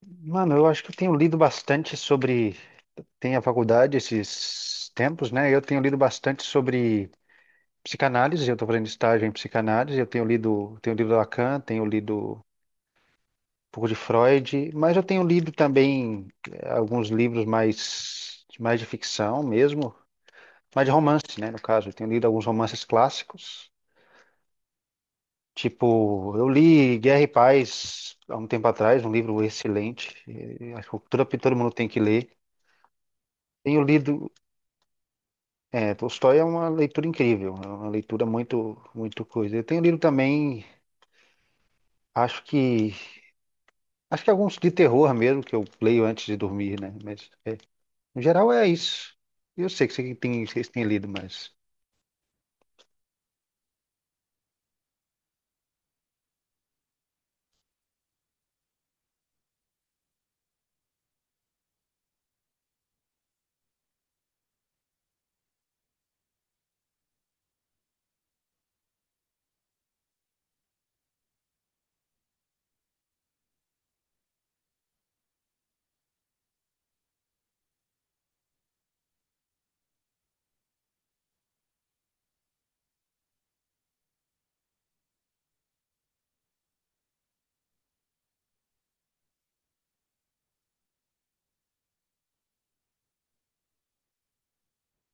Mano, eu acho que eu tenho lido bastante sobre. Tem a faculdade esses tempos, né? Eu tenho lido bastante sobre psicanálise. Eu estou fazendo estágio em psicanálise. Eu tenho lido Lacan, tenho lido um pouco de Freud, mas eu tenho lido também alguns livros mais, mais de ficção mesmo, mais de romance, né? No caso, eu tenho lido alguns romances clássicos. Tipo, eu li Guerra e Paz há um tempo atrás, um livro excelente. Acho que todo mundo tem que ler. Tenho lido. É, Tolstói é uma leitura incrível, é uma leitura muito, muito coisa. Eu tenho lido também, acho que, acho que alguns de terror mesmo que eu leio antes de dormir, né? Mas é, no geral é isso. Eu sei que você tem, vocês têm lido, mas,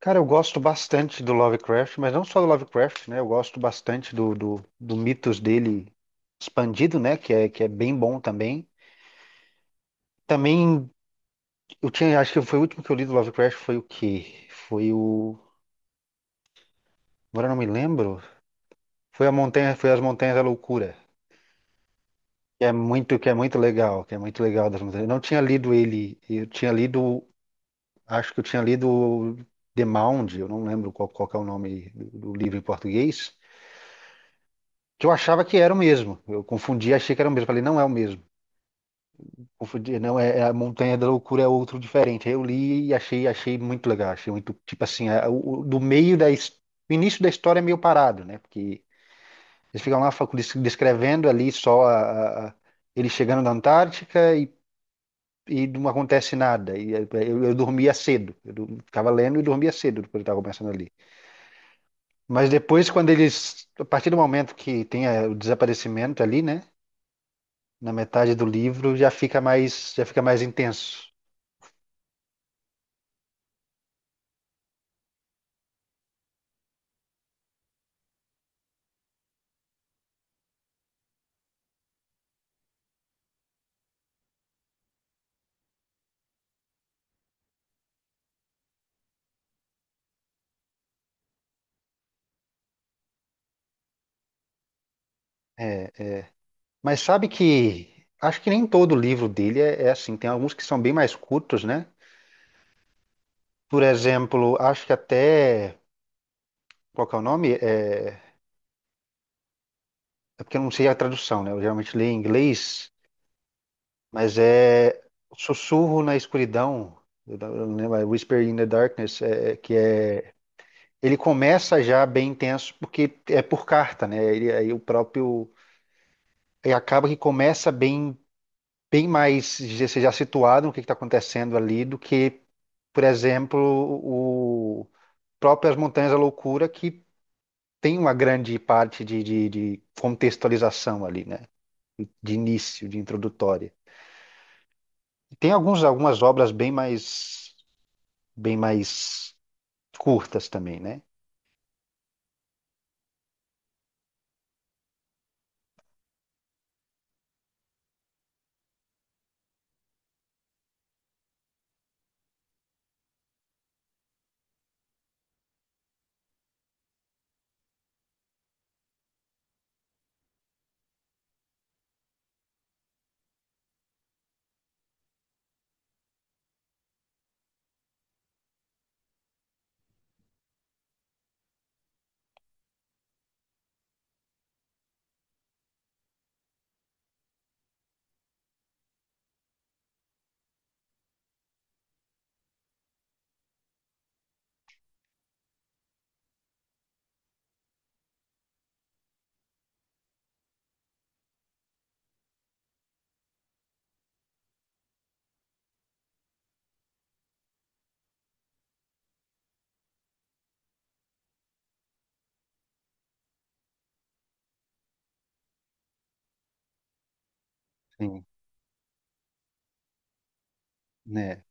cara, eu gosto bastante do Lovecraft, mas não só do Lovecraft, né? Eu gosto bastante do mitos dele expandido, né? Que é bem bom também. Também eu tinha, acho que foi o último que eu li do Lovecraft foi o quê? Foi o, agora eu não me lembro. Foi as Montanhas da Loucura, que é muito legal, que é muito legal das montanhas. Eu não tinha lido ele, eu tinha lido, acho que eu tinha lido The Mound, eu não lembro qual que é o nome do livro em português, que eu achava que era o mesmo. Eu confundi, achei que era o mesmo. Falei, não é o mesmo. Confundi, não é, é a Montanha da Loucura é outro diferente. Aí eu li e achei, achei muito legal, achei muito, tipo assim, é, o- do meio da, his- o início da história é meio parado, né? Porque eles ficam lá descrevendo ali só ele chegando na Antártica e não acontece nada. E eu dormia cedo. Eu ficava lendo e dormia cedo depois estava começando ali. Mas depois, quando eles. A partir do momento que tem o desaparecimento ali, né? Na metade do livro, já fica mais intenso. É. Mas sabe que. Acho que nem todo livro dele é, é assim. Tem alguns que são bem mais curtos, né? Por exemplo, acho que até. Qual que é o nome? É. É porque eu não sei a tradução, né? Eu geralmente leio em inglês, mas é Sussurro na Escuridão, eu não lembro, é Whisper in the Darkness, que é. Ele começa já bem intenso, porque é por carta, né? Ele, aí o próprio. Aí acaba que começa bem, você já situado no que está acontecendo ali do que, por exemplo, o próprio As Montanhas da Loucura, que tem uma grande parte de, de contextualização ali, né? De início, de introdutória. Tem alguns, algumas obras bem mais curtas também, né? Sim, né?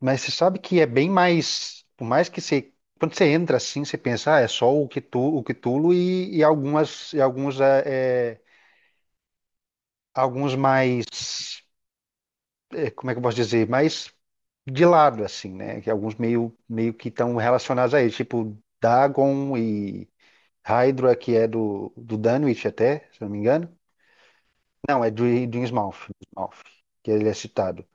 Mas você sabe que é bem mais, por mais que você, quando você entra assim, você pensa, ah, é só o Cthulhu e algumas, e alguns, é, é, alguns mais, é, como é que eu posso dizer, mais de lado assim, né? Que alguns meio, meio que estão relacionados a ele, tipo Dagon e Hydra, que é do Dunwich até, se eu não me engano. Não, é do Innsmouth, que ele é citado.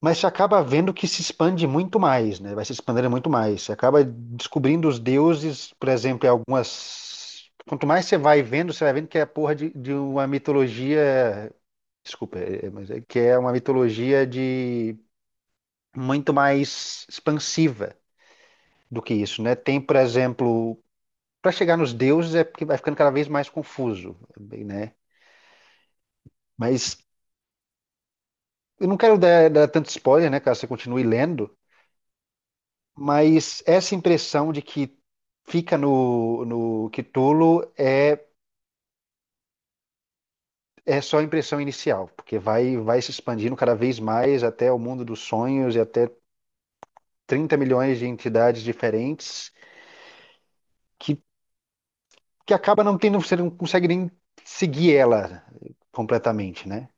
Mas você acaba vendo que se expande muito mais, né? Vai se expandindo muito mais. Você acaba descobrindo os deuses, por exemplo, em algumas. Quanto mais você vai vendo que é a porra de uma mitologia. Desculpa, mas é que é uma mitologia de muito mais expansiva do que isso, né? Tem, por exemplo, para chegar nos deuses é porque vai ficando cada vez mais confuso, né? Mas eu não quero dar tanto spoiler, né? Caso você continue lendo. Mas essa impressão de que fica no Cthulhu é só a impressão inicial, porque vai se expandindo cada vez mais até o mundo dos sonhos e até 30 milhões de entidades diferentes que, que acaba não tendo, você não consegue nem seguir ela completamente, né?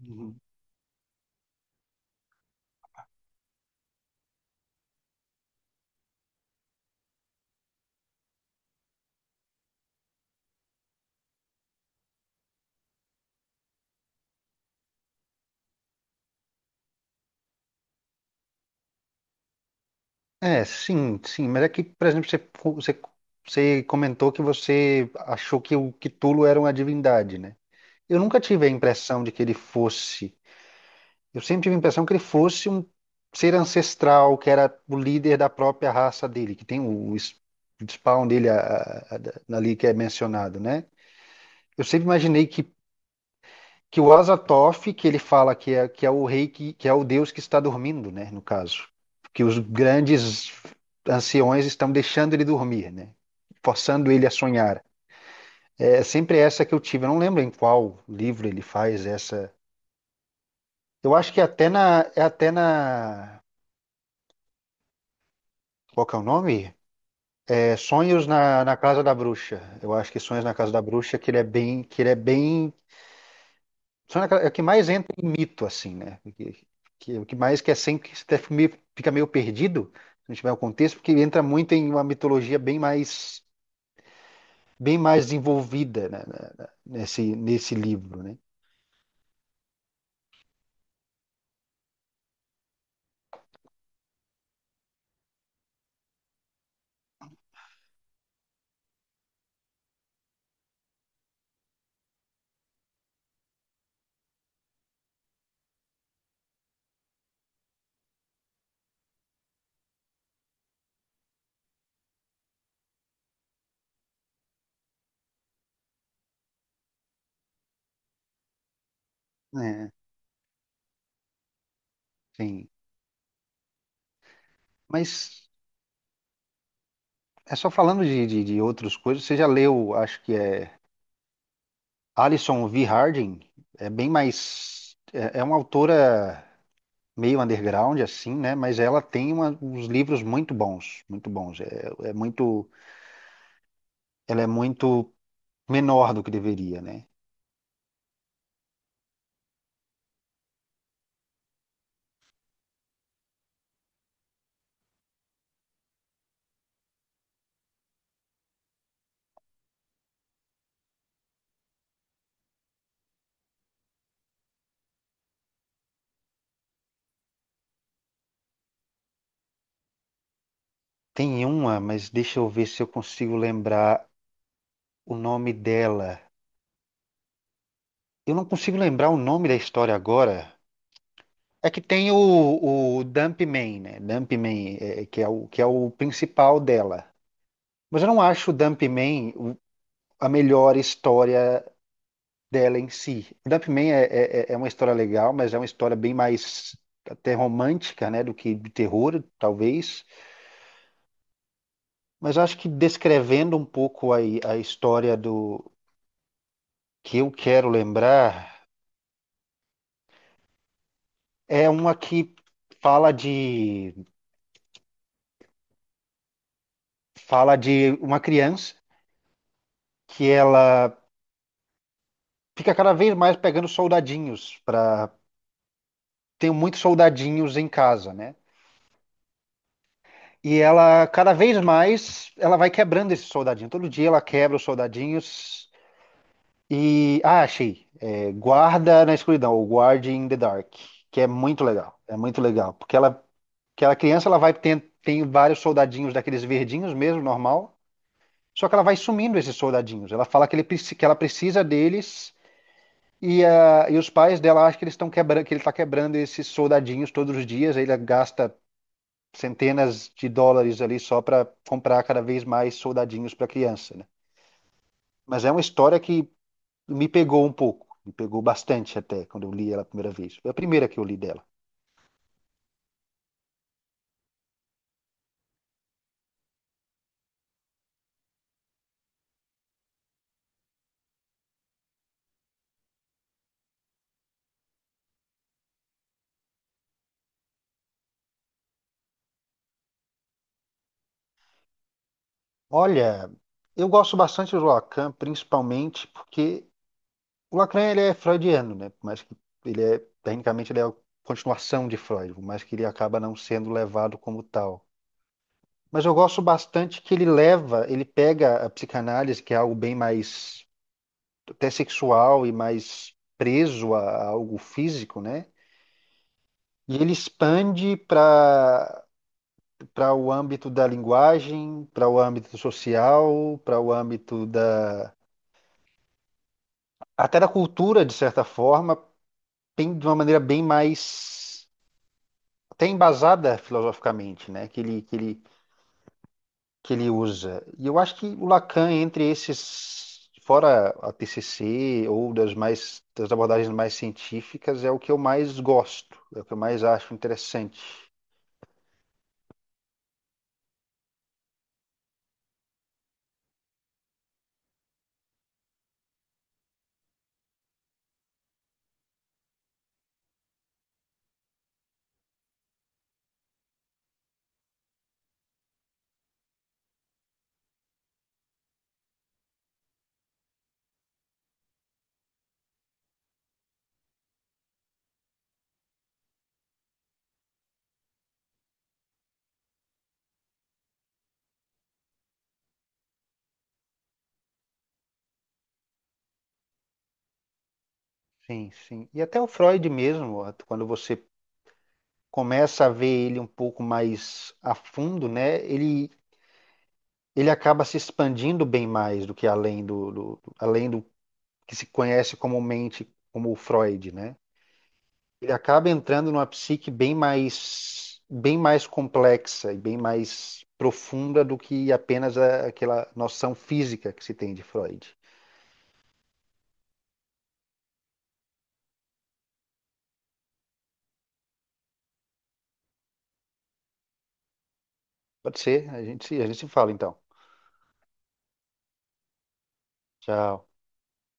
Uhum. É, sim, sim, mas é que, por exemplo, você, você comentou que você achou que o Cthulhu era uma divindade, né? Eu nunca tive a impressão de que ele fosse. Eu sempre tive a impressão que ele fosse um ser ancestral, que era o líder da própria raça dele, que tem o spawn dele ali que é mencionado, né? Eu sempre imaginei que o Azathoth, que ele fala que é o rei, que é o deus que está dormindo, né? No caso. Que os grandes anciões estão deixando ele dormir, né? Forçando ele a sonhar. É sempre essa que eu tive. Eu não lembro em qual livro ele faz essa. Eu acho que é até na, qual que é o nome? É Sonhos na Casa da Bruxa. Eu acho que Sonhos na Casa da Bruxa, que ele é bem, Sonhos na Casa- é o que mais entra em mito assim, né? Que, o que mais que é sempre que você até fica meio perdido, se não tiver o contexto, porque ele entra muito em uma mitologia bem mais desenvolvida, né, nesse livro, né? É, sim. Mas é só falando de, de outras coisas, você já leu, acho que é Alison V. Harding, é bem mais é, é uma autora meio underground assim, né? Mas ela tem uns livros muito bons, muito bons. É, é muito, ela é muito menor do que deveria, né? Tem uma, mas deixa eu ver se eu consigo lembrar o nome dela. Eu não consigo lembrar o nome da história agora. É que tem o dump man né? Dumpman, que é o principal dela. Mas eu não acho o Dump man a melhor história dela em si. Dump Man é uma história legal, mas é uma história bem mais até romântica, né, do que de terror, talvez. Mas acho que descrevendo um pouco a história do que eu quero lembrar, é uma que fala de fala de uma criança que ela fica cada vez mais pegando soldadinhos para tem muitos soldadinhos em casa, né? E ela cada vez mais ela vai quebrando esses soldadinhos. Todo dia ela quebra os soldadinhos E. Ah, achei. É, Guarda na escuridão, ou Guard in the Dark, que é muito legal. É muito legal. Porque ela, aquela criança, ela vai tem, vários soldadinhos daqueles verdinhos mesmo, normal. Só que ela vai sumindo esses soldadinhos. Ela fala que, ele, que ela precisa deles. E, ah, e os pais dela acham que eles estão quebrando, que ele está quebrando esses soldadinhos todos os dias. Aí ele gasta centenas de dólares ali só para comprar cada vez mais soldadinhos para a criança, né? Mas é uma história que me pegou um pouco, me pegou bastante até quando eu li ela a primeira vez. Foi a primeira que eu li dela. Olha, eu gosto bastante do Lacan, principalmente porque o Lacan ele é freudiano, né? Por mais que ele é, tecnicamente, ele é a continuação de Freud, por mais que ele acaba não sendo levado como tal. Mas eu gosto bastante que ele leva, ele pega a psicanálise, que é algo bem mais até sexual e mais preso a algo físico, né? E ele expande para o âmbito da linguagem, para o âmbito social, para o âmbito da até da cultura de certa forma, bem- de uma maneira bem mais até embasada filosoficamente, né? Que ele usa. E eu acho que o Lacan entre esses fora a TCC ou das mais das abordagens mais científicas é o que eu mais gosto, é o que eu mais acho interessante. Sim, sim. E até o Freud mesmo, quando você começa a ver ele um pouco mais a fundo, né? Ele acaba se expandindo bem mais do que além além do que se conhece comumente como o Freud, né? Ele acaba entrando numa psique bem mais complexa e bem mais profunda do que apenas aquela noção física que se tem de Freud. Pode ser, a gente se fala então. Tchau.